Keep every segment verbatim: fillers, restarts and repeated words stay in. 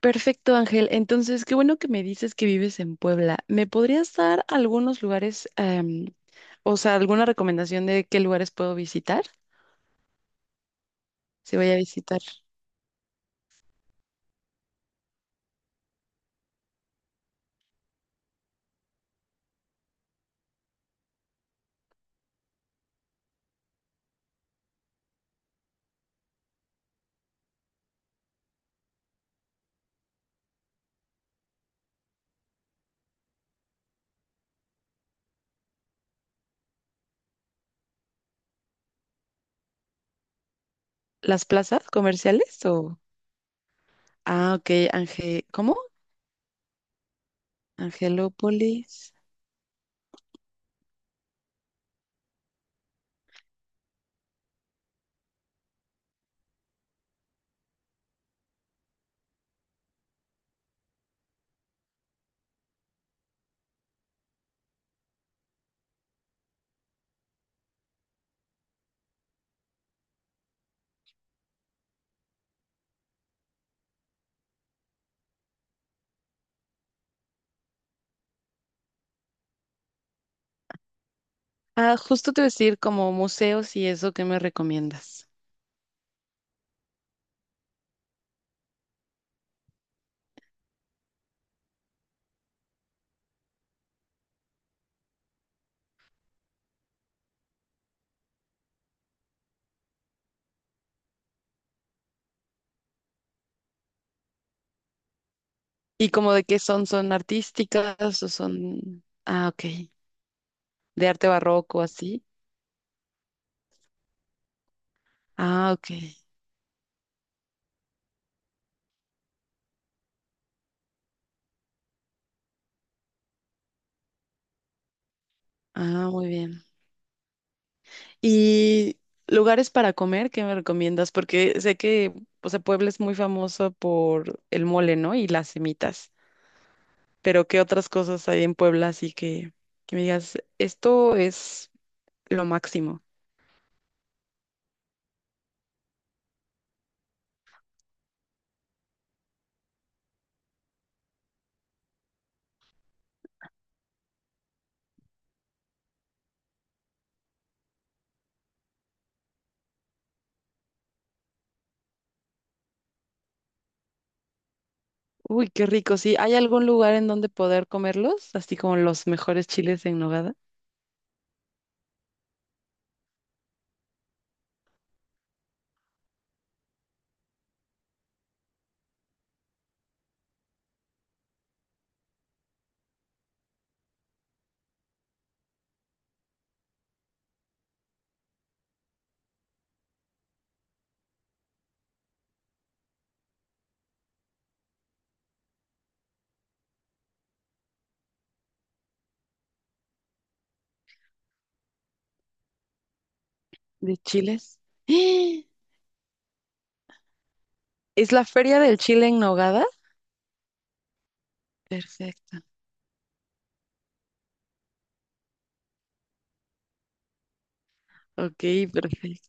Perfecto, Ángel. Entonces, qué bueno que me dices que vives en Puebla. ¿Me podrías dar algunos lugares, em, o sea, alguna recomendación de qué lugares puedo visitar? Si voy a visitar las plazas comerciales o... Ah, ok, Ángel, ¿cómo? Angelópolis. Ah, justo te voy a decir como museos y eso, ¿qué me recomiendas? Y como de qué son, ¿son artísticas o son... Ah, ok, de arte barroco, así. Ah, ok. Ah, muy bien. Y lugares para comer, ¿qué me recomiendas? Porque sé que, o sea, Puebla es muy famoso por el mole, ¿no? Y las semitas. Pero ¿qué otras cosas hay en Puebla? Así que, que me digas, esto es lo máximo. Uy, qué rico, sí. ¿Hay algún lugar en donde poder comerlos? Así como los mejores chiles en nogada. ¿De chiles? ¡Ah! ¿Es la feria del chile en nogada? Perfecto. Ok, perfecto.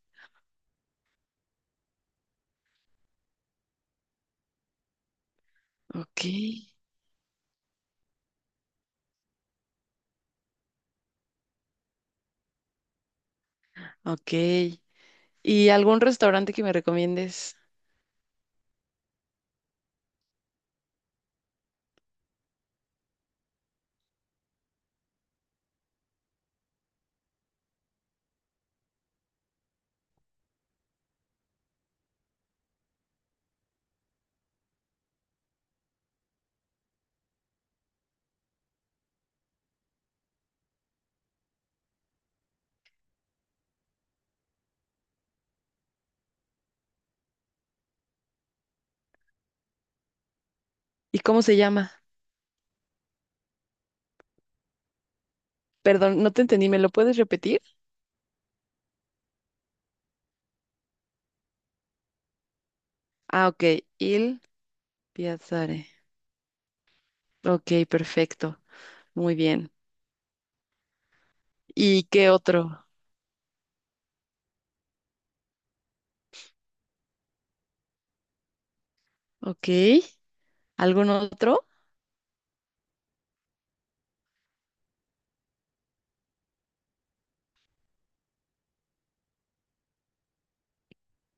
Ok, ok. ¿Y algún restaurante que me recomiendes? ¿Y cómo se llama? Perdón, no te entendí, ¿me lo puedes repetir? Ah, ok, Il Piazzare. Ok, perfecto, muy bien. ¿Y qué otro? Ok, ¿algún otro?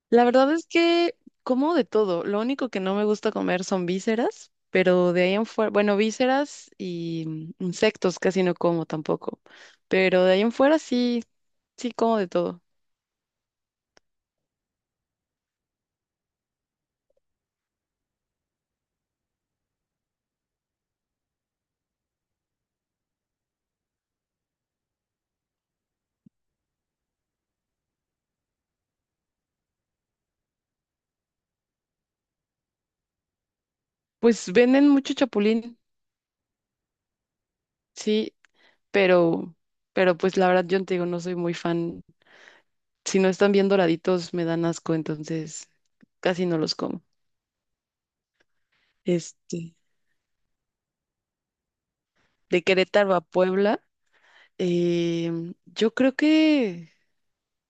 La verdad es que como de todo, lo único que no me gusta comer son vísceras, pero de ahí en fuera, bueno, vísceras y mm, insectos casi no como tampoco, pero de ahí en fuera sí, sí como de todo. Pues venden mucho chapulín, sí, pero, pero pues la verdad yo te digo, no soy muy fan. Si no están bien doraditos, me dan asco, entonces casi no los como. Este, de Querétaro a Puebla, em, yo creo que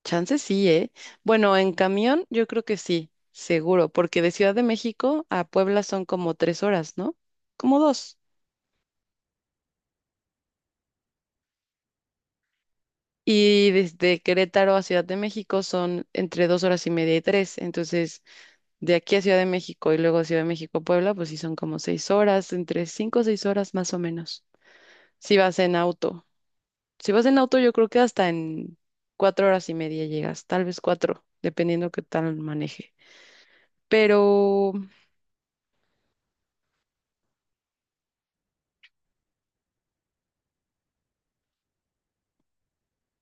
chance sí, ¿eh? Bueno, en camión yo creo que sí, seguro, porque de Ciudad de México a Puebla son como tres horas, ¿no? Como dos. Y desde Querétaro a Ciudad de México son entre dos horas y media y tres. Entonces, de aquí a Ciudad de México y luego Ciudad de México a Puebla, pues sí son como seis horas, entre cinco o seis horas más o menos. Si vas en auto. Si vas en auto, yo creo que hasta en cuatro horas y media llegas, tal vez cuatro, dependiendo qué tal maneje. Pero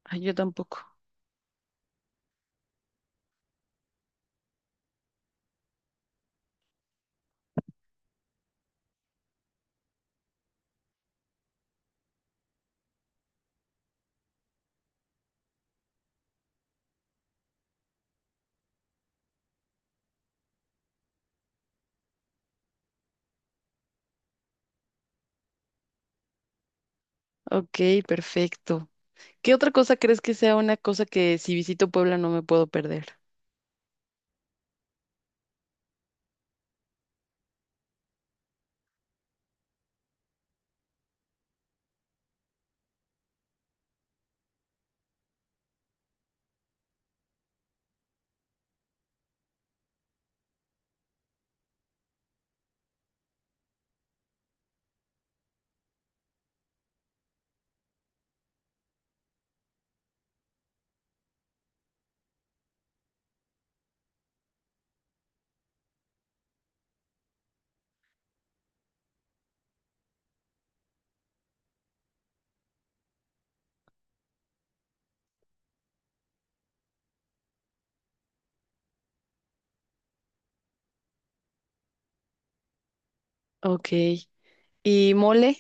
ay, yo tampoco. Ok, perfecto. ¿Qué otra cosa crees que sea una cosa que si visito Puebla no me puedo perder? Ok. ¿Y mole?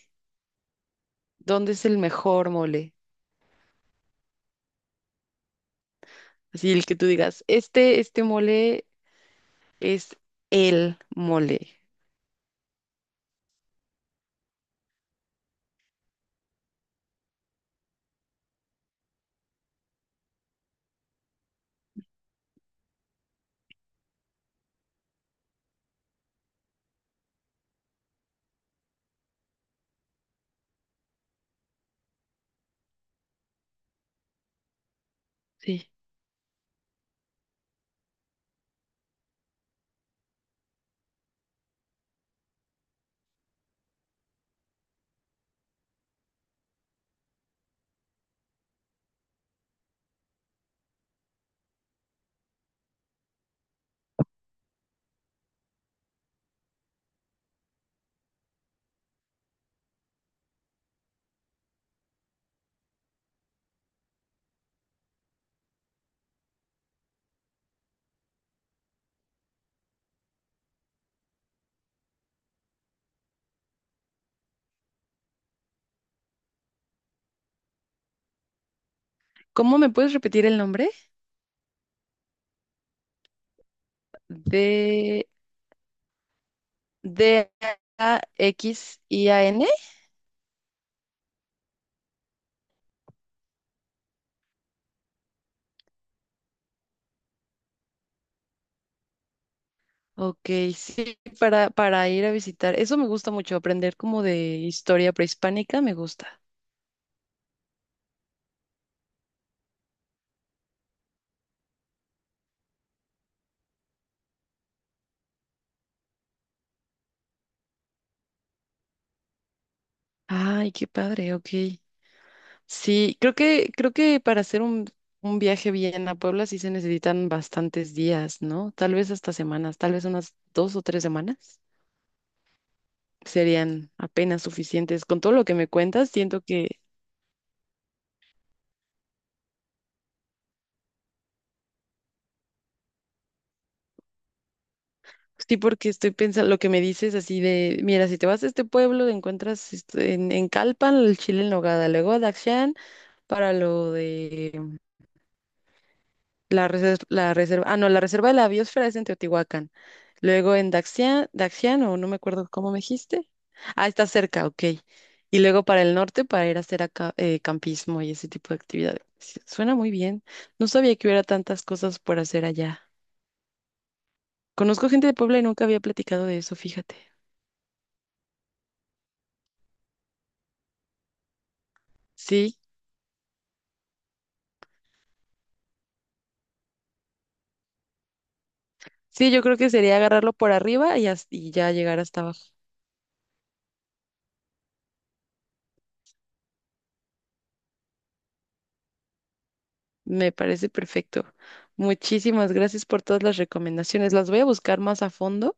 ¿Dónde es el mejor mole? Así el que tú digas, este, este mole es el mole. Sí. ¿Cómo me puedes repetir el nombre? De D A X I A N. Ok, sí, para, para ir a visitar. Eso me gusta mucho, aprender como de historia prehispánica, me gusta. Ay, qué padre, ok. Sí, creo que, creo que para hacer un, un viaje bien a Puebla sí se necesitan bastantes días, ¿no? Tal vez hasta semanas, tal vez unas dos o tres semanas serían apenas suficientes. Con todo lo que me cuentas, siento que. Sí, porque estoy pensando lo que me dices así de, mira, si te vas a este pueblo, encuentras este- en, en Calpan el chile en nogada, luego a Daxan para lo de mm, la, reserva, la reserva, ah, no, la reserva de la biosfera es en Teotihuacán, luego en Daxian, Daxian, o no me acuerdo cómo me dijiste, ah, está cerca, ok, y luego para el norte para ir a hacer acá, eh, campismo y ese tipo de actividades. Sí, suena muy bien, no sabía que hubiera tantas cosas por hacer allá. Conozco gente de Puebla y nunca había platicado de eso, fíjate. Sí, sí, yo creo que sería agarrarlo por arriba y, as- y ya llegar hasta abajo. Me parece perfecto. Muchísimas gracias por todas las recomendaciones. Las voy a buscar más a fondo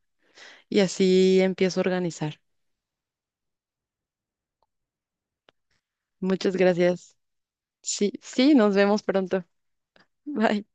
y así empiezo a organizar. Muchas gracias. Sí, sí, nos vemos pronto. Bye.